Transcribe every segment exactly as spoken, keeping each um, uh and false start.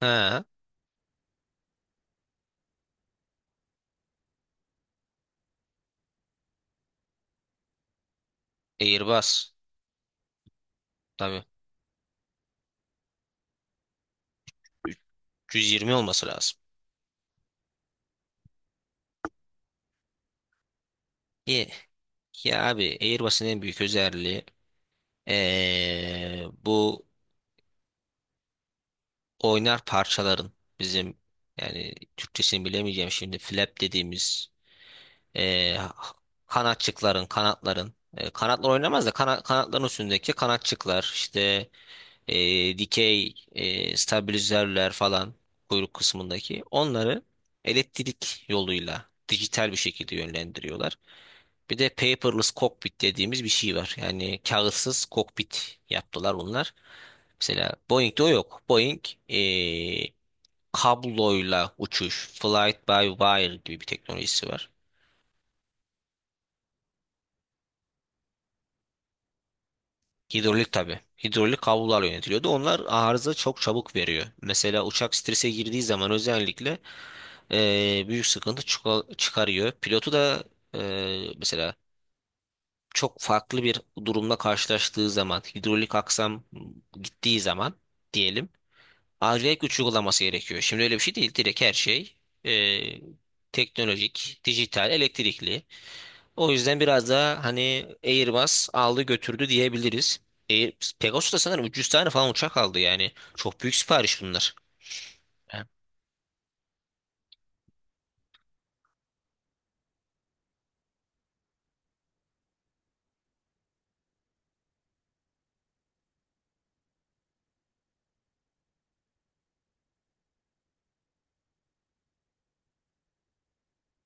Ha, Airbus. Tabii. üç yüz yirmi olması lazım. Ye. Ya abi Airbus'un en büyük özelliği ee, bu oynar parçaların bizim yani Türkçesini bilemeyeceğim şimdi flap dediğimiz ee, ha- kanatçıkların kanatların ee, kanatlar oynamaz da kana- kanatların üstündeki kanatçıklar işte ee, dikey ee, stabilizörler falan kuyruk kısmındaki onları elektrik yoluyla dijital bir şekilde yönlendiriyorlar. Bir de paperless cockpit dediğimiz bir şey var. Yani kağıtsız kokpit yaptılar bunlar. Mesela Boeing'de o yok. Boeing eee, kabloyla uçuş, flight by wire gibi bir teknolojisi var. Hidrolik tabii. Hidrolik kablolar yönetiliyordu. Onlar arıza çok çabuk veriyor. Mesela uçak strese girdiği zaman özellikle eee, büyük sıkıntı çıka- çıkarıyor. Pilotu da eee, mesela çok farklı bir durumla karşılaştığı zaman, hidrolik aksam gittiği zaman diyelim. Acayip güç uygulaması gerekiyor. Şimdi öyle bir şey değil. Direkt her şey e, teknolojik, dijital, elektrikli. O yüzden biraz daha hani Airbus aldı götürdü diyebiliriz. Air, Pegasus da sanırım üç yüz tane falan uçak aldı yani. Çok büyük sipariş bunlar. Yani.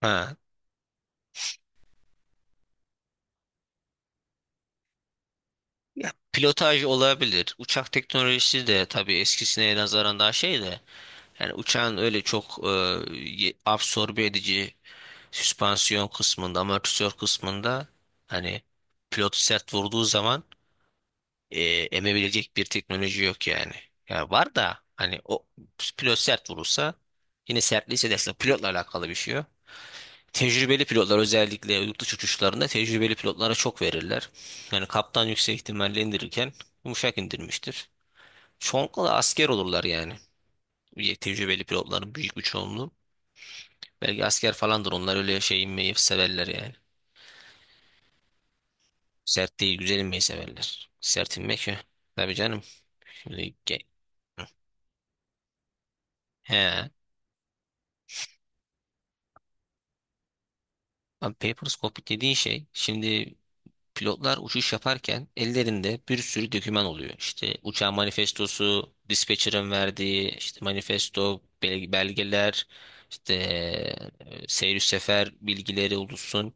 Ha. Ya, pilotaj olabilir. Uçak teknolojisi de tabii eskisine nazaran daha şey de. Yani uçağın öyle çok e, ye- absorbe edici süspansiyon kısmında, amortisör kısmında hani pilotu sert vurduğu zaman e, emebilecek bir teknoloji yok yani. Ya var da hani o pilot sert vurursa yine sertliği hissedersin. Pilotla alakalı bir şey yok. Tecrübeli pilotlar özellikle yurt dışı uçuşlarında tecrübeli pilotlara çok verirler. Yani kaptan yüksek ihtimalle indirirken yumuşak indirmiştir. Çoğunlukla da asker olurlar yani. Tecrübeli pilotların büyük bir çoğunluğu. Belki asker falandır onlar öyle şey inmeyi severler yani. Sert değil güzel inmeyi severler. Sert inmek ya. Tabii canım. Şimdi ge- He. Abi paperscope dediğin şey şimdi pilotlar uçuş yaparken ellerinde bir sürü doküman oluyor. İşte uçağın manifestosu, dispatcher'ın verdiği işte manifesto, bel- belgeler, işte e, seyir sefer bilgileri olursun.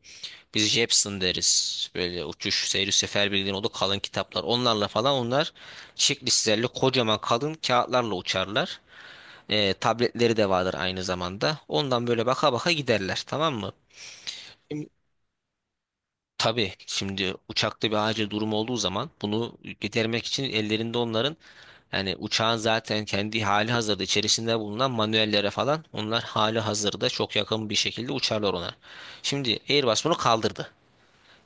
Biz Jepson deriz. Böyle uçuş seyir sefer bilgileri o da kalın kitaplar. Onlarla falan onlar checklistlerle kocaman kalın kağıtlarla uçarlar. E, tabletleri de vardır aynı zamanda. Ondan böyle baka baka giderler, tamam mı? Şimdi- Tabii şimdi uçakta bir acil durum olduğu zaman bunu gidermek için ellerinde onların yani uçağın zaten kendi hali hazırda içerisinde bulunan manuellere falan onlar hali hazırda çok yakın bir şekilde uçarlar ona. Şimdi Airbus bunu kaldırdı.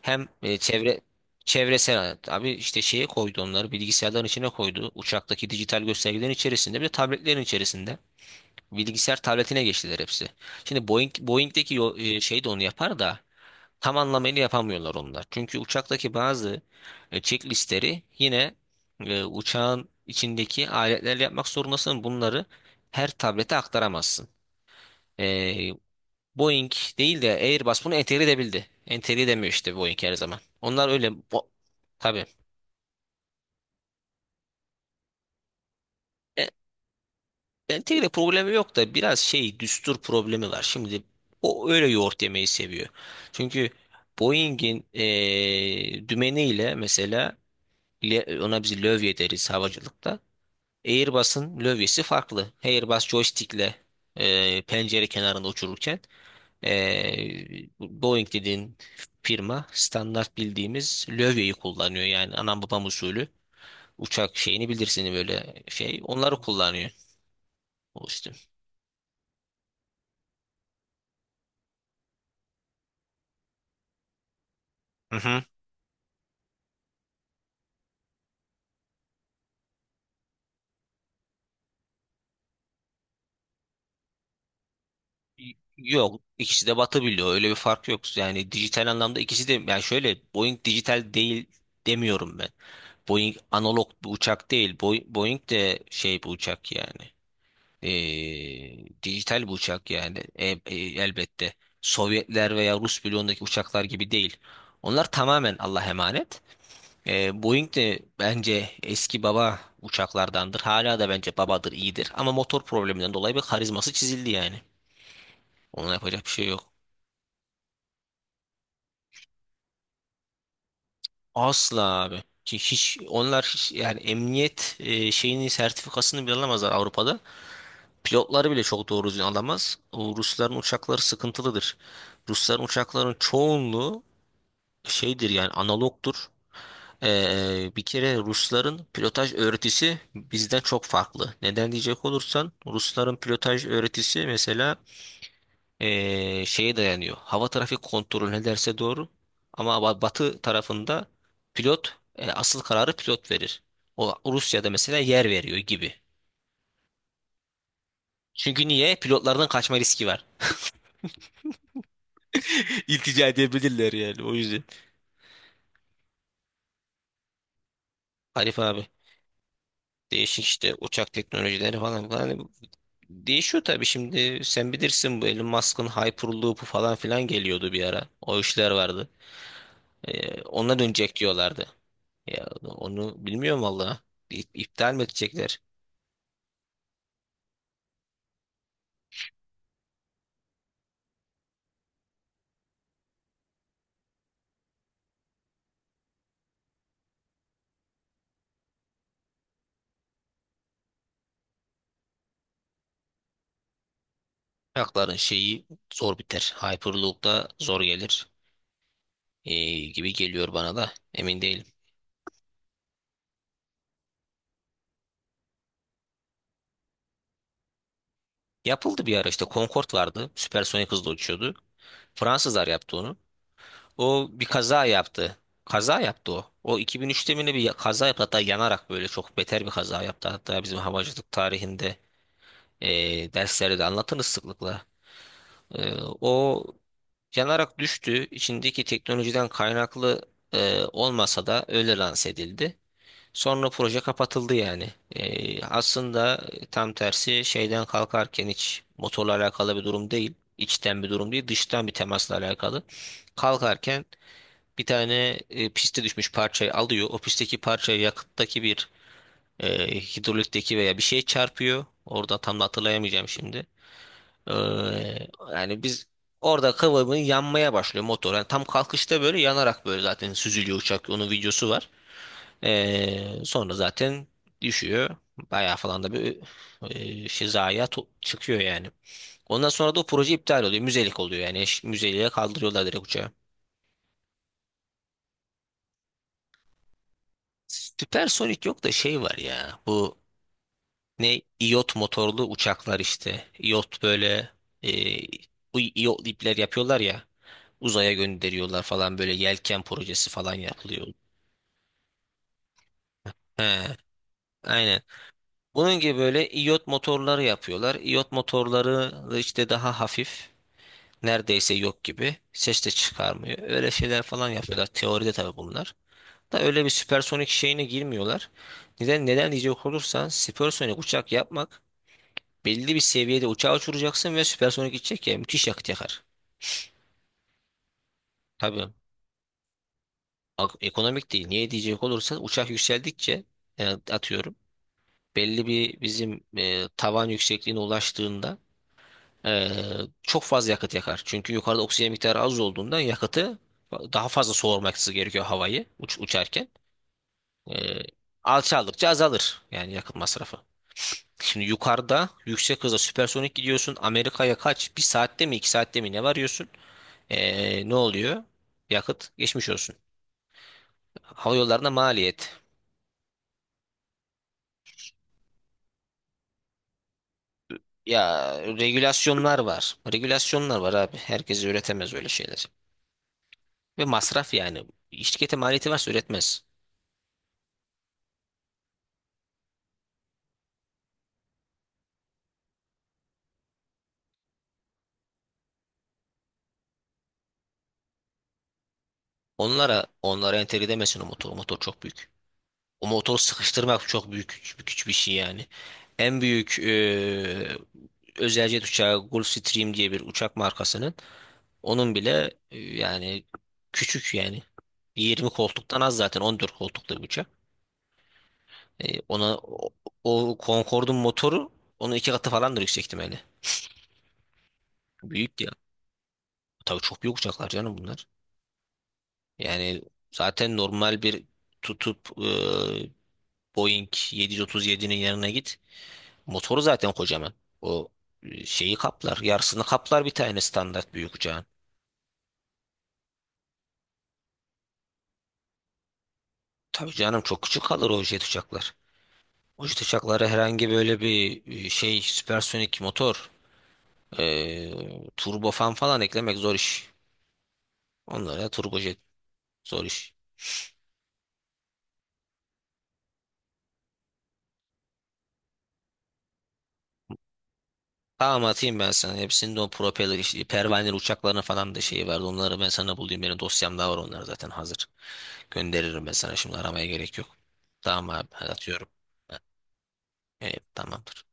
Hem e, çevre çevresel abi işte şeye koydu, onları bilgisayarların içine koydu. Uçaktaki dijital göstergelerin içerisinde bir de tabletlerin içerisinde. Bilgisayar tabletine geçtiler hepsi. Şimdi Boeing, Boeing'deki yo- e, şey de onu yapar da tam anlamıyla yapamıyorlar onlar. Çünkü uçaktaki bazı e, checklistleri yine e, uçağın içindeki aletlerle yapmak zorundasın. Bunları her tablete aktaramazsın. E, Boeing değil de Airbus bunu entegre edebildi. Entegre edemiyor işte Boeing her zaman. Onlar öyle bo- tabii. Entegre problemi yok da biraz şey düstur problemi var. Şimdi o öyle yoğurt yemeyi seviyor. Çünkü Boeing'in eee dümeniyle mesela le- ona biz lövye deriz havacılıkta. Airbus'un lövyesi farklı. Airbus joystick'le eee, pencere kenarında uçururken eee, Boeing dediğin firma standart bildiğimiz lövyeyi kullanıyor. Yani anam babam usulü uçak şeyini bilirsin, böyle şey onları kullanıyor. O işte. Yok, ikisi de batabiliyor, öyle bir fark yok yani dijital anlamda ikisi de. Yani şöyle, Boeing dijital değil demiyorum ben. Boeing analog bir uçak değil. Boeing, Boeing de şey bir uçak yani. Ee, dijital bir uçak yani. E- e, elbette Sovyetler veya Rus bloğundaki uçaklar gibi değil, onlar tamamen Allah'a emanet. Ee, Boeing de bence eski baba uçaklardandır, hala da bence babadır, iyidir ama motor probleminden dolayı bir karizması çizildi yani, ona yapacak bir şey yok. Asla abi. Ki hiç onlar hiç- yani emniyet e, şeyini, sertifikasını bile alamazlar Avrupa'da. Pilotları bile çok doğru düzgün alamaz. O Rusların uçakları sıkıntılıdır. Rusların uçakların çoğunluğu şeydir yani, analogdur. Ee, bir kere Rusların pilotaj öğretisi bizden çok farklı. Neden diyecek olursan, Rusların pilotaj öğretisi mesela eee, şeye dayanıyor. Hava trafik kontrolü ne derse doğru. Ama ba- batı tarafında pilot, e, asıl kararı pilot verir. O, Rusya'da mesela yer veriyor gibi. Çünkü niye? Pilotlardan kaçma riski var. İltica edebilirler yani, o yüzden. Arif abi, değişik işte uçak teknolojileri falan falan. Hani değişiyor tabii. Şimdi sen bilirsin, bu Elon Musk'ın Hyperloop'u falan filan geliyordu bir ara. O işler vardı. Ee, ona dönecek diyorlardı. Ya onu bilmiyorum valla. İp- İptal mi edecekler? Uçakların şeyi zor biter. Hyperloop'da zor gelir. Ee, gibi geliyor bana da. Emin değilim. Yapıldı bir ara, işte Concorde vardı. Süpersonik hızla uçuyordu. Fransızlar yaptı onu. O bir kaza yaptı. Kaza yaptı o. O iki bin üçte mi ne bir ya- kaza yaptı. Hatta yanarak, böyle çok beter bir kaza yaptı. Hatta bizim havacılık tarihinde ee, derslerde de anlatırız sıklıkla. Ee, O yanarak düştü. İçindeki teknolojiden kaynaklı e, olmasa da öyle lanse edildi. Sonra proje kapatıldı yani. Ee, aslında tam tersi, şeyden kalkarken hiç motorla alakalı bir durum değil. İçten bir durum değil, dıştan bir temasla alakalı. Kalkarken bir tane e, piste düşmüş parçayı alıyor. O pistteki parçayı, yakıttaki bir e, hidrolikteki veya bir şey çarpıyor. Orada, tam da hatırlayamayacağım şimdi. Ee, yani biz, orada kıvamı yanmaya başlıyor motor. Yani tam kalkışta böyle yanarak böyle zaten süzülüyor uçak. Onun videosu var. Ee, sonra zaten düşüyor. Bayağı falan da bir e, şey zayiat o- çıkıyor yani. Ondan sonra da o proje iptal oluyor. Müzelik oluyor yani. Eş- Müzeliğe kaldırıyorlar direkt uçağı. Süpersonik yok da şey var ya. Bu ne iyot motorlu uçaklar işte. İyot böyle e, bu iyotlu ipler yapıyorlar ya. Uzaya gönderiyorlar falan, böyle yelken projesi falan yapılıyor. He, aynen. Bunun gibi, böyle iyot motorları yapıyorlar. İyot motorları da işte daha hafif. Neredeyse yok gibi. Ses de çıkarmıyor. Öyle şeyler falan yapıyorlar. Teoride tabii bunlar. Da öyle bir süpersonik şeyine girmiyorlar. Neden neden diyecek olursan, süpersonik uçak yapmak, belli bir seviyede uçağa uçuracaksın ve süpersonik gidecek ya, müthiş yakıt yakar. Tabii ak- ekonomik değil. Niye diyecek olursan, uçak yükseldikçe e, atıyorum belli bir bizim e, tavan yüksekliğine ulaştığında e, çok fazla yakıt yakar. Çünkü yukarıda oksijen miktarı az olduğundan yakıtı daha fazla soğurması gerekiyor havayı, uç, uçarken. E, Alçaldıkça azalır yani yakıt masrafı. Şimdi yukarıda yüksek hızla süpersonik gidiyorsun. Amerika'ya kaç? Bir saatte mi, iki saatte mi ne varıyorsun? Ee, ne oluyor? Yakıt geçmiş olsun. Hava yollarına maliyet. Ya regülasyonlar var. Regülasyonlar var abi. Herkes üretemez öyle şeyler. Ve masraf yani. Şirkete maliyeti varsa üretmez. Onlara onlara entegre edemezsin o motor. O motor çok büyük. O motoru sıkıştırmak çok büyük güç, güç bir şey yani. En büyük eee özel jet uçağı Gulfstream diye bir uçak markasının, onun bile e, yani küçük yani, yirmi koltuktan az zaten, on dört koltuklu bir uçak. E, ona o, o Concorde'un motoru, onun iki katı falandır yüksek ihtimalle. Büyük ya. Tabii çok büyük uçaklar canım bunlar. Yani zaten normal bir tutup, e, Boeing yedi otuz yedinin yanına git. Motoru zaten kocaman. O e, şeyi kaplar. Yarısını kaplar bir tane standart büyük uçağın. Tabii canım, çok küçük kalır o jet uçaklar. O jet uçaklara herhangi böyle bir e, şey süpersonik motor, e, turbofan falan eklemek zor iş. Onlara turbojet, zor iş. Tamam atayım ben sana. Hepsinin de o propeller işi, pervaneler uçaklarına falan da şeyi vardı. Onları ben sana bulayım. Benim dosyamda var onlar, zaten hazır. Gönderirim ben sana. Şimdi aramaya gerek yok. Tamam abi hadi atıyorum. Evet, tamamdır.